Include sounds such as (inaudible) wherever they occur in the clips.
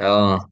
اه.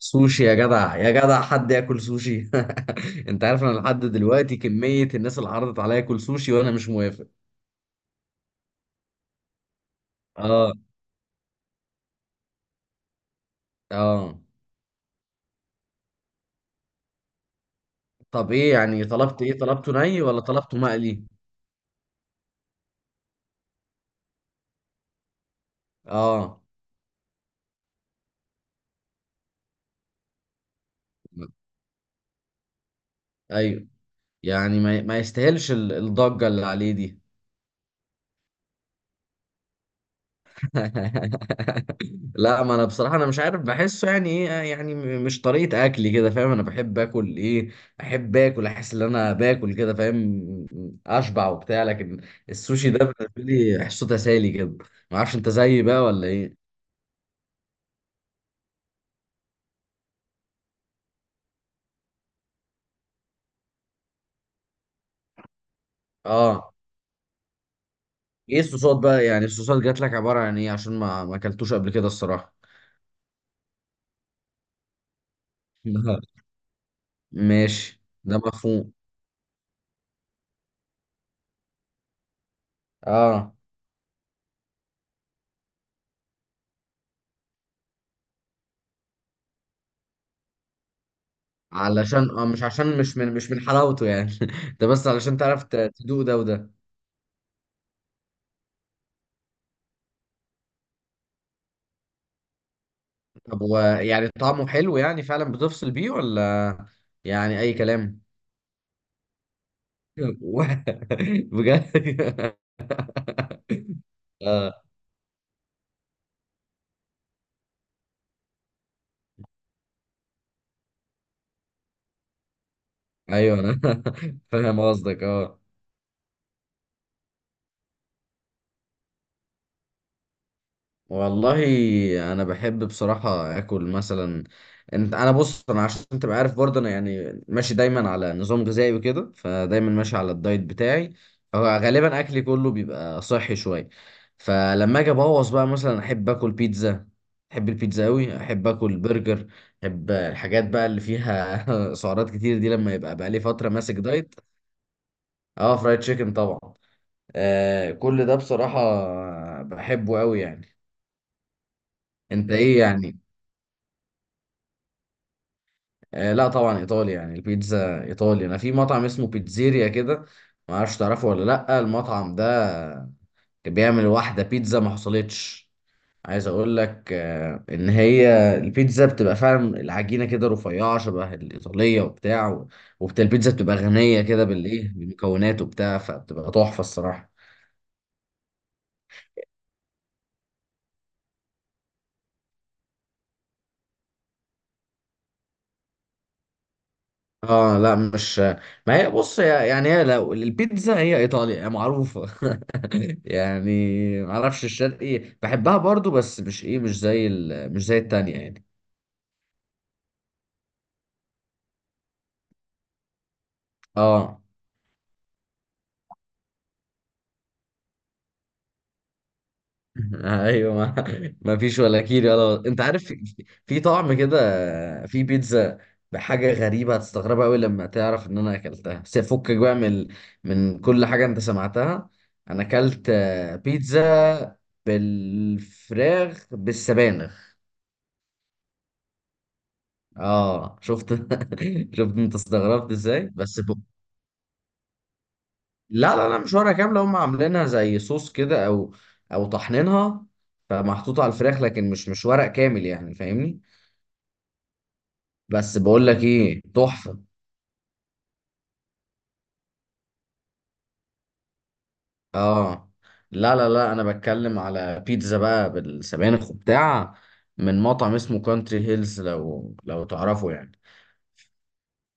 سوشي يا جدع، يا جدع حد ياكل سوشي؟ (laughs) انت عارف انا لحد دلوقتي كمية الناس اللي عرضت عليا اكل سوشي وانا مش موافق. اه. اه. طب ايه يعني؟ طلبت ايه؟ طلبته ني ولا طلبته مقلي؟ اه. ايوه، يعني ما يستاهلش الضجة اللي عليه دي. (laughs) لا، ما انا بصراحه انا مش عارف بحسه يعني ايه، يعني مش طريقه اكلي كده، فاهم؟ انا بحب اكل ايه، احب اكل، احس ان انا باكل كده، فاهم؟ اشبع وبتاع، لكن السوشي ده بالنسبه لي احسه تسالي كده. ما اعرفش، انت زيي بقى ولا ايه؟ اه. ايه الصوصات بقى؟ يعني الصوصات جات لك عباره عن ايه؟ عشان ما اكلتوش قبل كده الصراحه. (laughs) لا. ماشي، ده مفهوم. اه، علشان، مش عشان مش من حلاوته يعني، (laughs) ده بس علشان تعرف تدوق ده وده. طب هو يعني طعمه حلو؟ يعني فعلا بتفصل بيه ولا يعني أي كلام؟ (laughs) و- بجد؟ (laughs) آه. ايوه انا. (laughs) فاهم قصدك، اه. والله انا بحب بصراحه اكل مثلا، انا بص، انا عشان تبقى عارف برضه، انا يعني ماشي دايما على نظام غذائي وكده، فدايما ماشي على الدايت بتاعي. فغالبا اكلي كله بيبقى صحي شويه. فلما اجي ابوظ بقى مثلا، احب اكل بيتزا. احب البيتزا قوي، احب اكل برجر. احب الحاجات بقى اللي فيها (laughs) سعرات كتير دي، لما يبقى بقى لي فتره ماسك دايت. اه، فرايد تشيكن طبعا. آه، كل ده بصراحه بحبه قوي يعني. انت ايه يعني؟ آه لا طبعا ايطالي. يعني البيتزا ايطالي. انا في مطعم اسمه بيتزيريا كده، ما اعرفش تعرفه ولا لا المطعم ده، كان بيعمل واحده بيتزا ما حصلتش. عايز اقول لك آه ان هي البيتزا بتبقى فعلا العجينه كده رفيعه شبه الايطاليه وبتاع، وبتاع البيتزا بتبقى غنيه كده بالايه، بالمكونات وبتاع، فبتبقى تحفه الصراحه. اه لا مش، ما هي بص، يعني هي لو البيتزا هي ايطاليا هي معروفه. (laughs) يعني معرفش، الشرقي بحبها برضو بس مش ايه، مش زي مش زي التانية يعني. اه. (laughs) ايوه، ما فيش ولا كيري ولا، انت عارف في طعم كده. في بيتزا بحاجة غريبة هتستغربها قوي لما تعرف ان انا اكلتها، بس فكك بقى من، من كل حاجة انت سمعتها. انا اكلت آه، بيتزا بالفراخ بالسبانخ. اه، شفت؟ (laughs) شفت انت استغربت ازاي بس؟ لا لا لا، مش ورقة كاملة، هم عاملينها زي صوص كده، او طحنينها، فمحطوطة على الفراخ، لكن مش ورق كامل يعني، فاهمني؟ بس بقول لك ايه، تحفة. اه لا لا لا، انا بتكلم على بيتزا بقى بالسبانخ وبتاع، من مطعم اسمه كونتري هيلز، لو تعرفه يعني.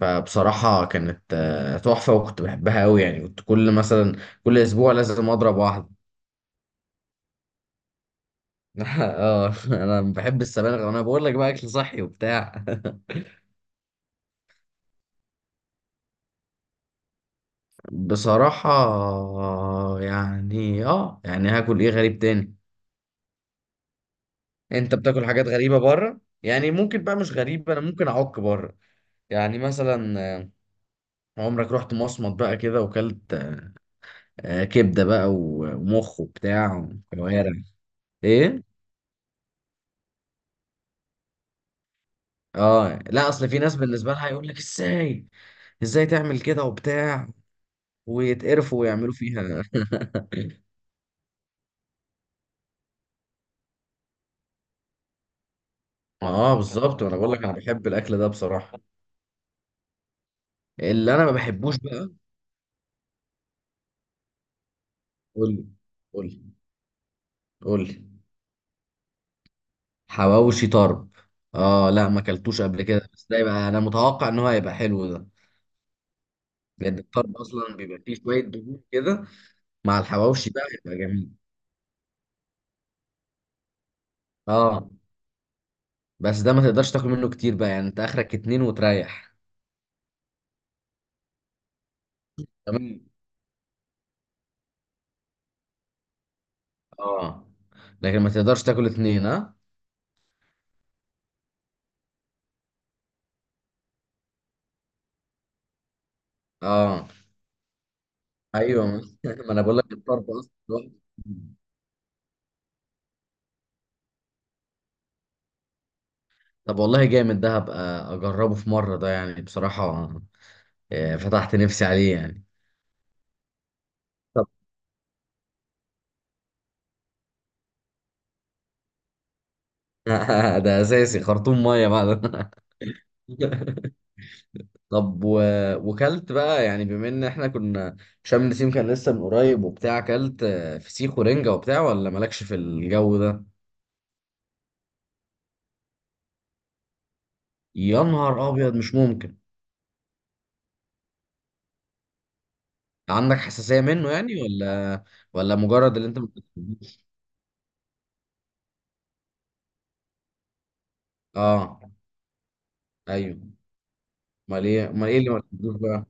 فبصراحة كانت آه، تحفة، وكنت بحبها قوي يعني، كنت كل اسبوع لازم اضرب واحدة. (laughs) اه انا بحب السبانخ، انا بقول لك بقى، اكل صحي وبتاع. (laughs) بصراحة، يعني يعني هاكل ايه غريب تاني؟ انت بتاكل حاجات غريبة بره يعني؟ ممكن بقى، مش غريبة، انا ممكن اعك بره. يعني مثلا آه، عمرك رحت مصمت بقى كده وكلت آه، كبدة بقى ومخ وبتاع، وكوارع؟ ايه؟ اه لا، اصل في ناس بالنسبة لها يقول لك ازاي، ازاي تعمل كده وبتاع، ويتقرفوا ويعملوا فيها. (laughs) اه بالظبط، وانا بقول لك انا بحب الاكل ده بصراحة. اللي انا ما بحبوش بقى، قول لي. قول لي. حواوشي طرب؟ اه لا، ما اكلتوش قبل كده، بس ده يبقى انا متوقع ان هو هيبقى حلو ده، لان الطرب اصلا بيبقى فيه شويه دهون كده، مع الحواوشي بقى هيبقى جميل. اه. بس ده ما تقدرش تاكل منه كتير بقى، يعني انت اخرك اتنين وتريح. تمام. اه، لكن ما تقدرش تاكل اتنين، ها. اه. ايوه. (laughs) ما انا بقول لك الطرب اصلا لوحده. طب والله جامد ده، هبقى اجربه في مره ده يعني بصراحه. آه، فتحت نفسي عليه يعني. (laughs) ده اساسي خرطوم ميه بقى ده. (laughs) طب وكلت بقى، يعني بما ان احنا كنا، شم النسيم كان لسه من قريب وبتاع، كلت آه، فسيخ ورنجة وبتاع ولا مالكش في الجو ده؟ يا نهار ابيض، مش ممكن. عندك حساسية منه يعني، ولا ولا مجرد اللي انت ما بتحبوش؟ اه. ايوه. امال ايه؟ امال ايه اللي ما بتحبوش بقى؟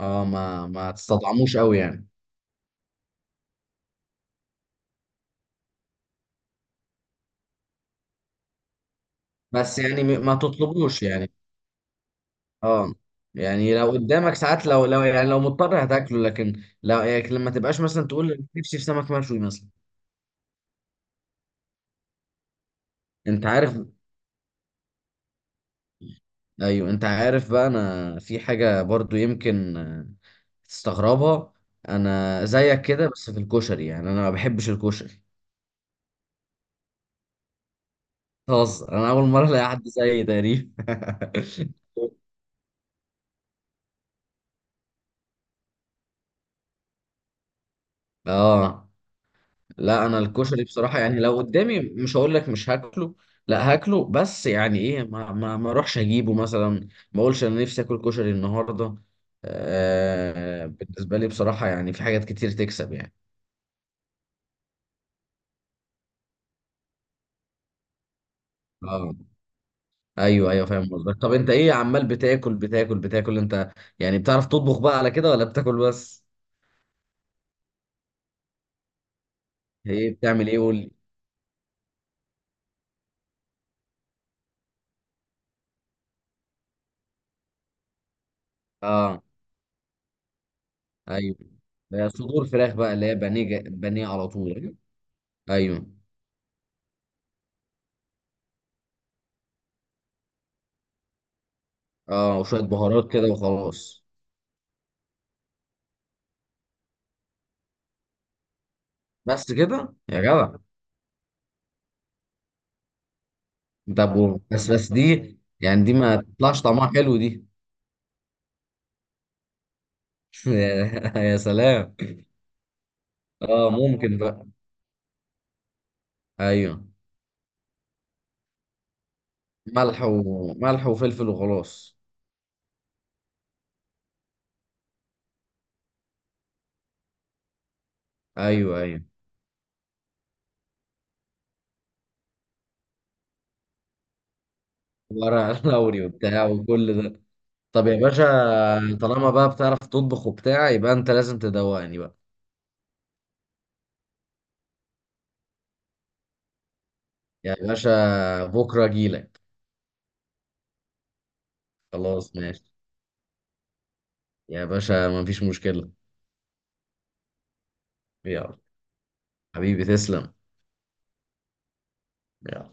اه، ما تستطعموش قوي يعني؟ بس يعني، ما تطلبوش يعني؟ اه، يعني لو قدامك ساعات، لو يعني لو مضطر هتاكله، لكن لو يعني، لما تبقاش مثلا تقول نفسي في سمك مشوي مثلا. انت عارف، ايوه انت عارف بقى، انا في حاجه برضو يمكن آه، تستغربها. انا زيك كده بس في الكشري، يعني انا ما بحبش الكشري. خلاص، انا اول مره الاقي حد زيي تقريبا. (laughs) اه لا، انا الكشري بصراحه يعني، لو قدامي مش هقول لك مش هاكله، لا هاكله، بس يعني ايه، ما اروحش اجيبه مثلا، ما اقولش انا نفسي اكل كشري النهارده. آه بالنسبه لي بصراحه يعني في حاجات كتير تكسب يعني. اه. ايوه ايوه فاهم قصدك. طب انت ايه؟ عمال بتاكل بتاكل بتاكل انت، يعني بتعرف تطبخ بقى على كده ولا بتاكل بس؟ ايه؟ بتعمل ايه؟ قول لي. اه. ايوه، ده صدور فراخ بقى اللي هي بانيه، بانيه على طول، ايوه. أيوه. اه، وشويه بهارات كده وخلاص؟ بس كده يا جدع؟ طب بس دي يعني، دي ما تطلعش طعمها حلو دي؟ (laughs) يا سلام. اه، ممكن بقى. ايوه، ملح وملح وفلفل وخلاص. ايوه ايوه، ورق لوري وبتاع وكل ده. طب يا باشا، طالما بقى بتعرف تطبخ وبتاع، يبقى انت لازم تدوقني بقى. يا باشا بكره اجيلك. خلاص ماشي، يا باشا مفيش مشكله. يلا، حبيبي تسلم. يلا.